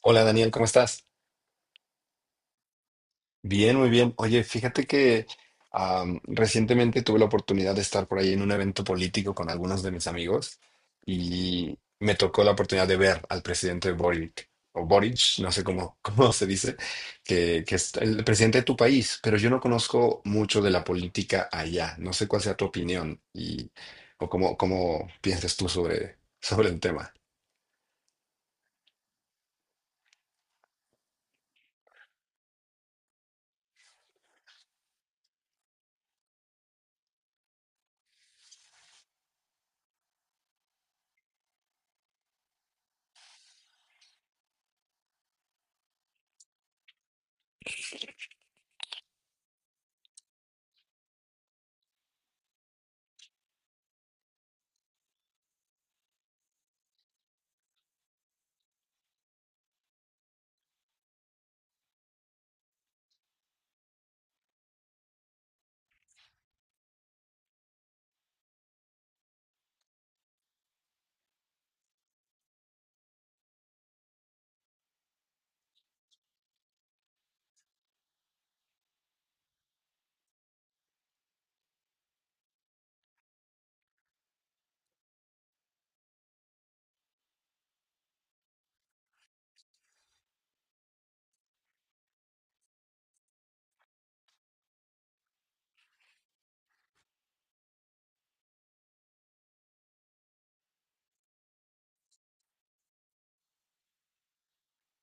Hola Daniel, ¿cómo estás? Bien, muy bien. Oye, fíjate que recientemente tuve la oportunidad de estar por ahí en un evento político con algunos de mis amigos y me tocó la oportunidad de ver al presidente Boric, o Boric, no sé cómo, cómo se dice, que es el presidente de tu país, pero yo no conozco mucho de la política allá. No sé cuál sea tu opinión y o cómo piensas tú sobre el tema.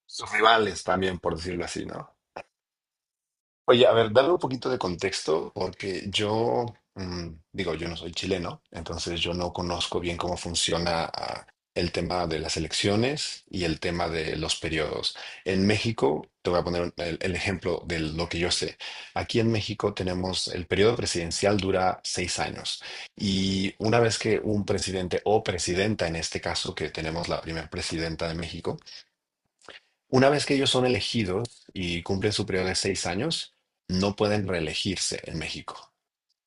Sus rivales también, por decirlo así, ¿no? Oye, a ver, dame un poquito de contexto, porque yo, mm, digo, yo no soy chileno, entonces yo no conozco bien cómo funciona el tema de las elecciones y el tema de los periodos. En México, te voy a poner el ejemplo de lo que yo sé. Aquí en México tenemos el periodo presidencial dura 6 años y una vez que un presidente o presidenta, en este caso que tenemos la primera presidenta de México, una vez que ellos son elegidos y cumplen su periodo de 6 años, no pueden reelegirse en México.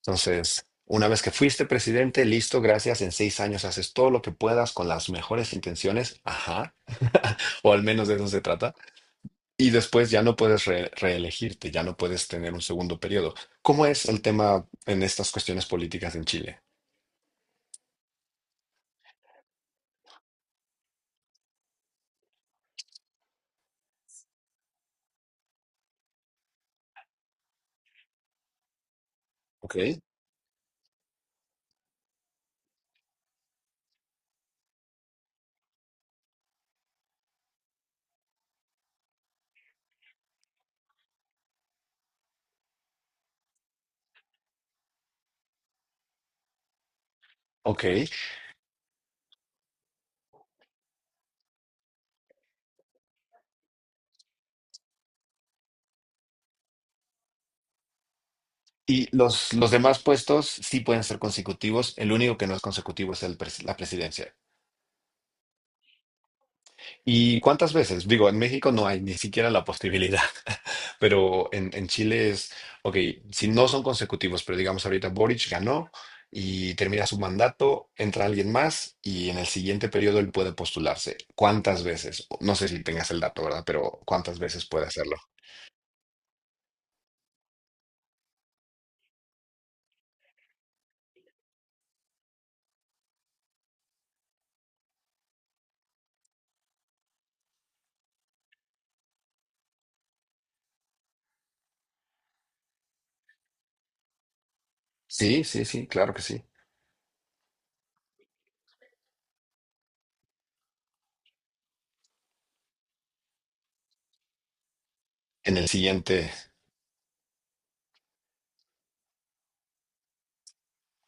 Entonces, una vez que fuiste presidente, listo, gracias, en 6 años haces todo lo que puedas con las mejores intenciones, ajá, o al menos de eso se trata, y después ya no puedes reelegirte, ya no puedes tener un segundo periodo. ¿Cómo es el tema en estas cuestiones políticas en Chile? Ok, ok. Y los demás puestos sí pueden ser consecutivos, el único que no es consecutivo es la presidencia. ¿Y cuántas veces? Digo, en México no hay ni siquiera la posibilidad, pero en Chile es, ok, si no son consecutivos, pero digamos ahorita Boric ganó y termina su mandato, entra alguien más y en el siguiente periodo él puede postularse. ¿Cuántas veces? No sé si tengas el dato, ¿verdad? Pero ¿cuántas veces puede hacerlo? Sí, sí, sí, claro que sí. En el siguiente,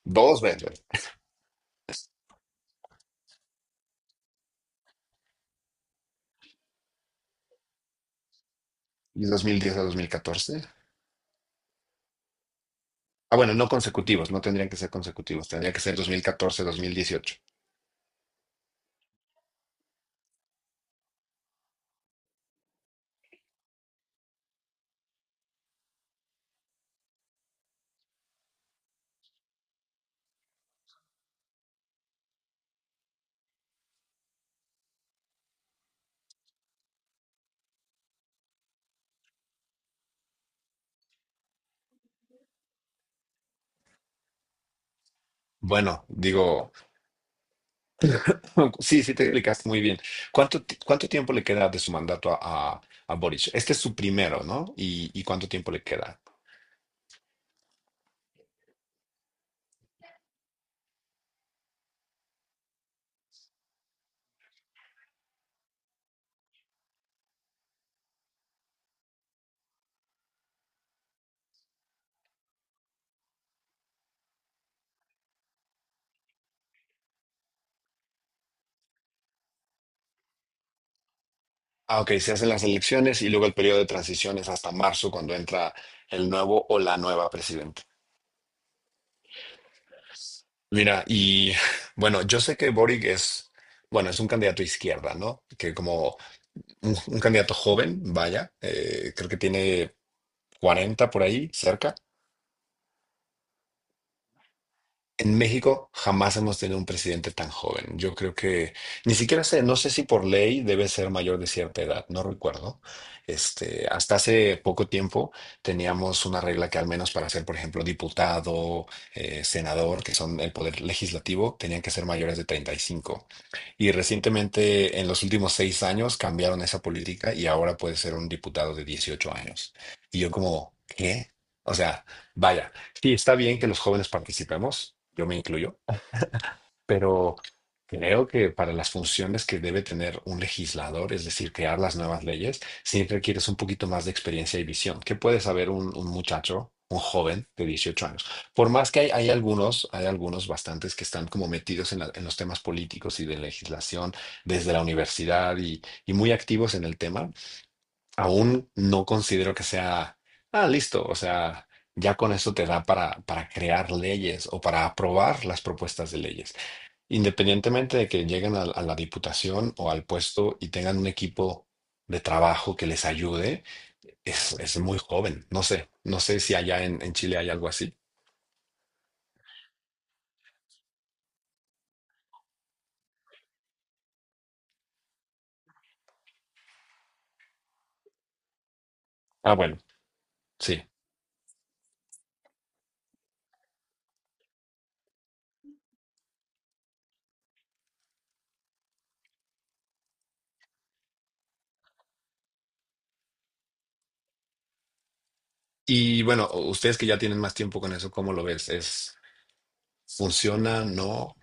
dos veces. ¿Y 2010 a 2014? Ah, bueno, no consecutivos, no tendrían que ser consecutivos, tendría que ser 2014-2018. Bueno, digo, sí, sí te explicaste muy bien. ¿Cuánto tiempo le queda de su mandato a Boric? Este es su primero, ¿no? ¿Y cuánto tiempo le queda? Ah, ok, se hacen las elecciones y luego el periodo de transición es hasta marzo cuando entra el nuevo o la nueva presidenta. Mira, y bueno, yo sé que Boric es, bueno, es un candidato izquierda, ¿no? Que como un candidato joven, vaya, creo que tiene 40 por ahí, cerca. En México jamás hemos tenido un presidente tan joven. Yo creo que ni siquiera sé, no sé si por ley debe ser mayor de cierta edad, no recuerdo. Hasta hace poco tiempo teníamos una regla que al menos para ser, por ejemplo, diputado, senador, que son el poder legislativo, tenían que ser mayores de 35. Y recientemente, en los últimos 6 años, cambiaron esa política y ahora puede ser un diputado de 18 años. Y yo como, ¿qué? O sea, vaya, sí, está bien que los jóvenes participemos, yo me incluyo, pero creo que para las funciones que debe tener un legislador, es decir, crear las nuevas leyes, sí requieres un poquito más de experiencia y visión. ¿Qué puede saber un muchacho? Un joven de 18 años. Por más que hay algunos, hay algunos bastantes que están como metidos en los temas políticos y de legislación desde la universidad y muy activos en el tema, aún no considero que sea, ah, listo, o sea, ya con eso te da para crear leyes o para aprobar las propuestas de leyes. Independientemente de que lleguen a la diputación o al puesto y tengan un equipo de trabajo que les ayude, es muy joven. No sé si allá en Chile hay algo así. Ah, bueno, sí. Y bueno, ustedes que ya tienen más tiempo con eso, ¿cómo lo ves? ¿Es, funciona? ¿No?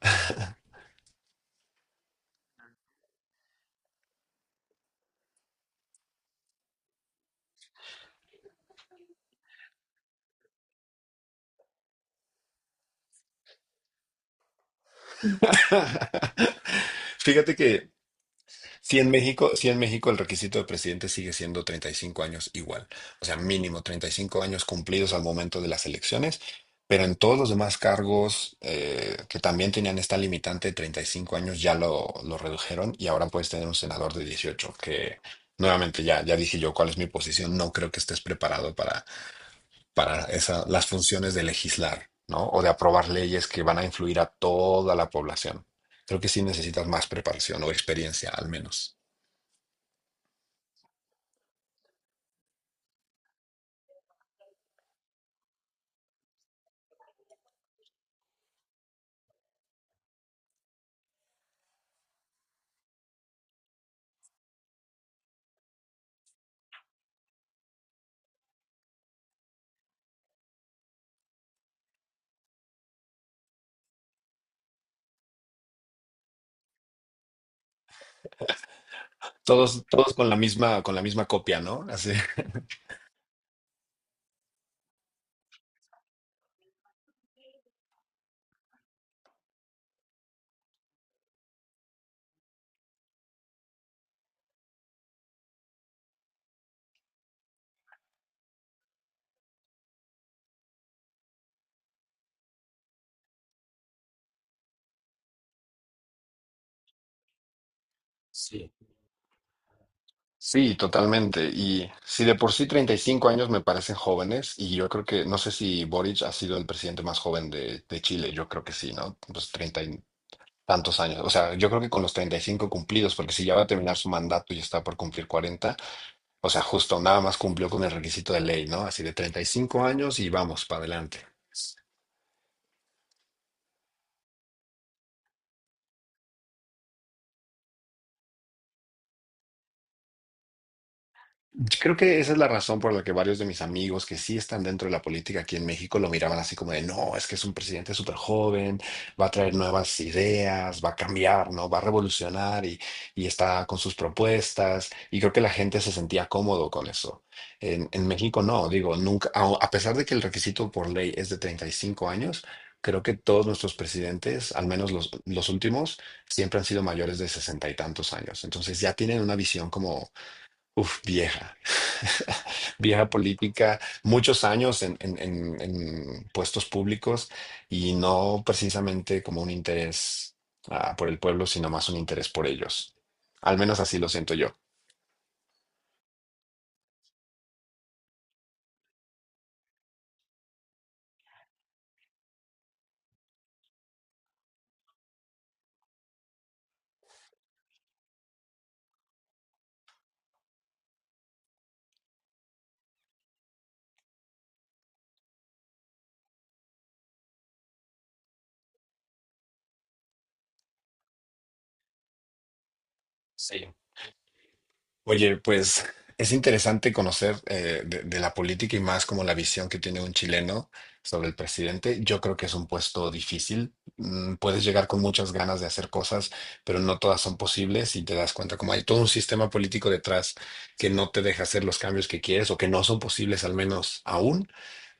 Fíjate que si en México, si en México el requisito de presidente sigue siendo 35 años igual, o sea, mínimo 35 años cumplidos al momento de las elecciones, pero en todos los demás cargos que también tenían esta limitante de 35 años ya lo, redujeron y ahora puedes tener un senador de 18 que nuevamente ya, dije yo cuál es mi posición, no creo que estés preparado para esa, las funciones de legislar, ¿no? O de aprobar leyes que van a influir a toda la población. Creo que sí necesitas más preparación o experiencia al menos. todos con la misma copia, ¿no? Así. Sí. Sí, totalmente. Y si de por sí 35 años me parecen jóvenes, y yo creo que, no sé si Boric ha sido el presidente más joven de Chile, yo creo que sí, ¿no? Pues 30 y tantos años. O sea, yo creo que con los 35 cumplidos, porque si ya va a terminar su mandato y está por cumplir 40, o sea, justo nada más cumplió con el requisito de ley, ¿no? Así de 35 años y vamos para adelante. Creo que esa es la razón por la que varios de mis amigos que sí están dentro de la política aquí en México lo miraban así como de, no, es que es un presidente súper joven, va a traer nuevas ideas, va a cambiar, ¿no? Va a revolucionar y está con sus propuestas. Y creo que la gente se sentía cómodo con eso. En México no, digo, nunca, a pesar de que el requisito por ley es de 35 años, creo que todos nuestros presidentes, al menos los últimos, siempre han sido mayores de sesenta y tantos años. Entonces ya tienen una visión como uf, vieja, vieja política, muchos años en puestos públicos y no precisamente como un interés por el pueblo, sino más un interés por ellos. Al menos así lo siento yo. Sí. Oye, pues es interesante conocer de, la política y más como la visión que tiene un chileno sobre el presidente. Yo creo que es un puesto difícil. Puedes llegar con muchas ganas de hacer cosas, pero no todas son posibles y te das cuenta como hay todo un sistema político detrás que no te deja hacer los cambios que quieres o que no son posibles al menos aún.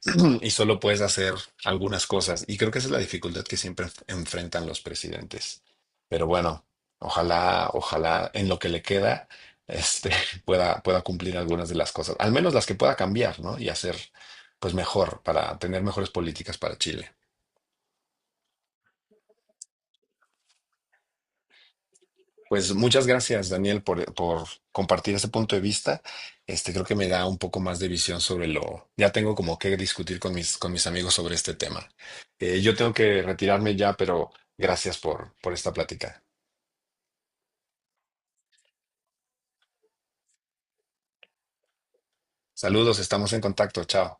Y solo puedes hacer algunas cosas. Y creo que esa es la dificultad que siempre enfrentan los presidentes. Pero bueno, ojalá en lo que le queda, este, pueda cumplir algunas de las cosas, al menos las que pueda cambiar, ¿no? Y hacer, pues mejor, para tener mejores políticas para Chile. Pues muchas gracias, Daniel, por compartir ese punto de vista. Este, creo que me da un poco más de visión sobre lo. Ya tengo como que discutir con mis amigos sobre este tema. Yo tengo que retirarme ya, pero gracias por esta plática. Saludos, estamos en contacto. Chao.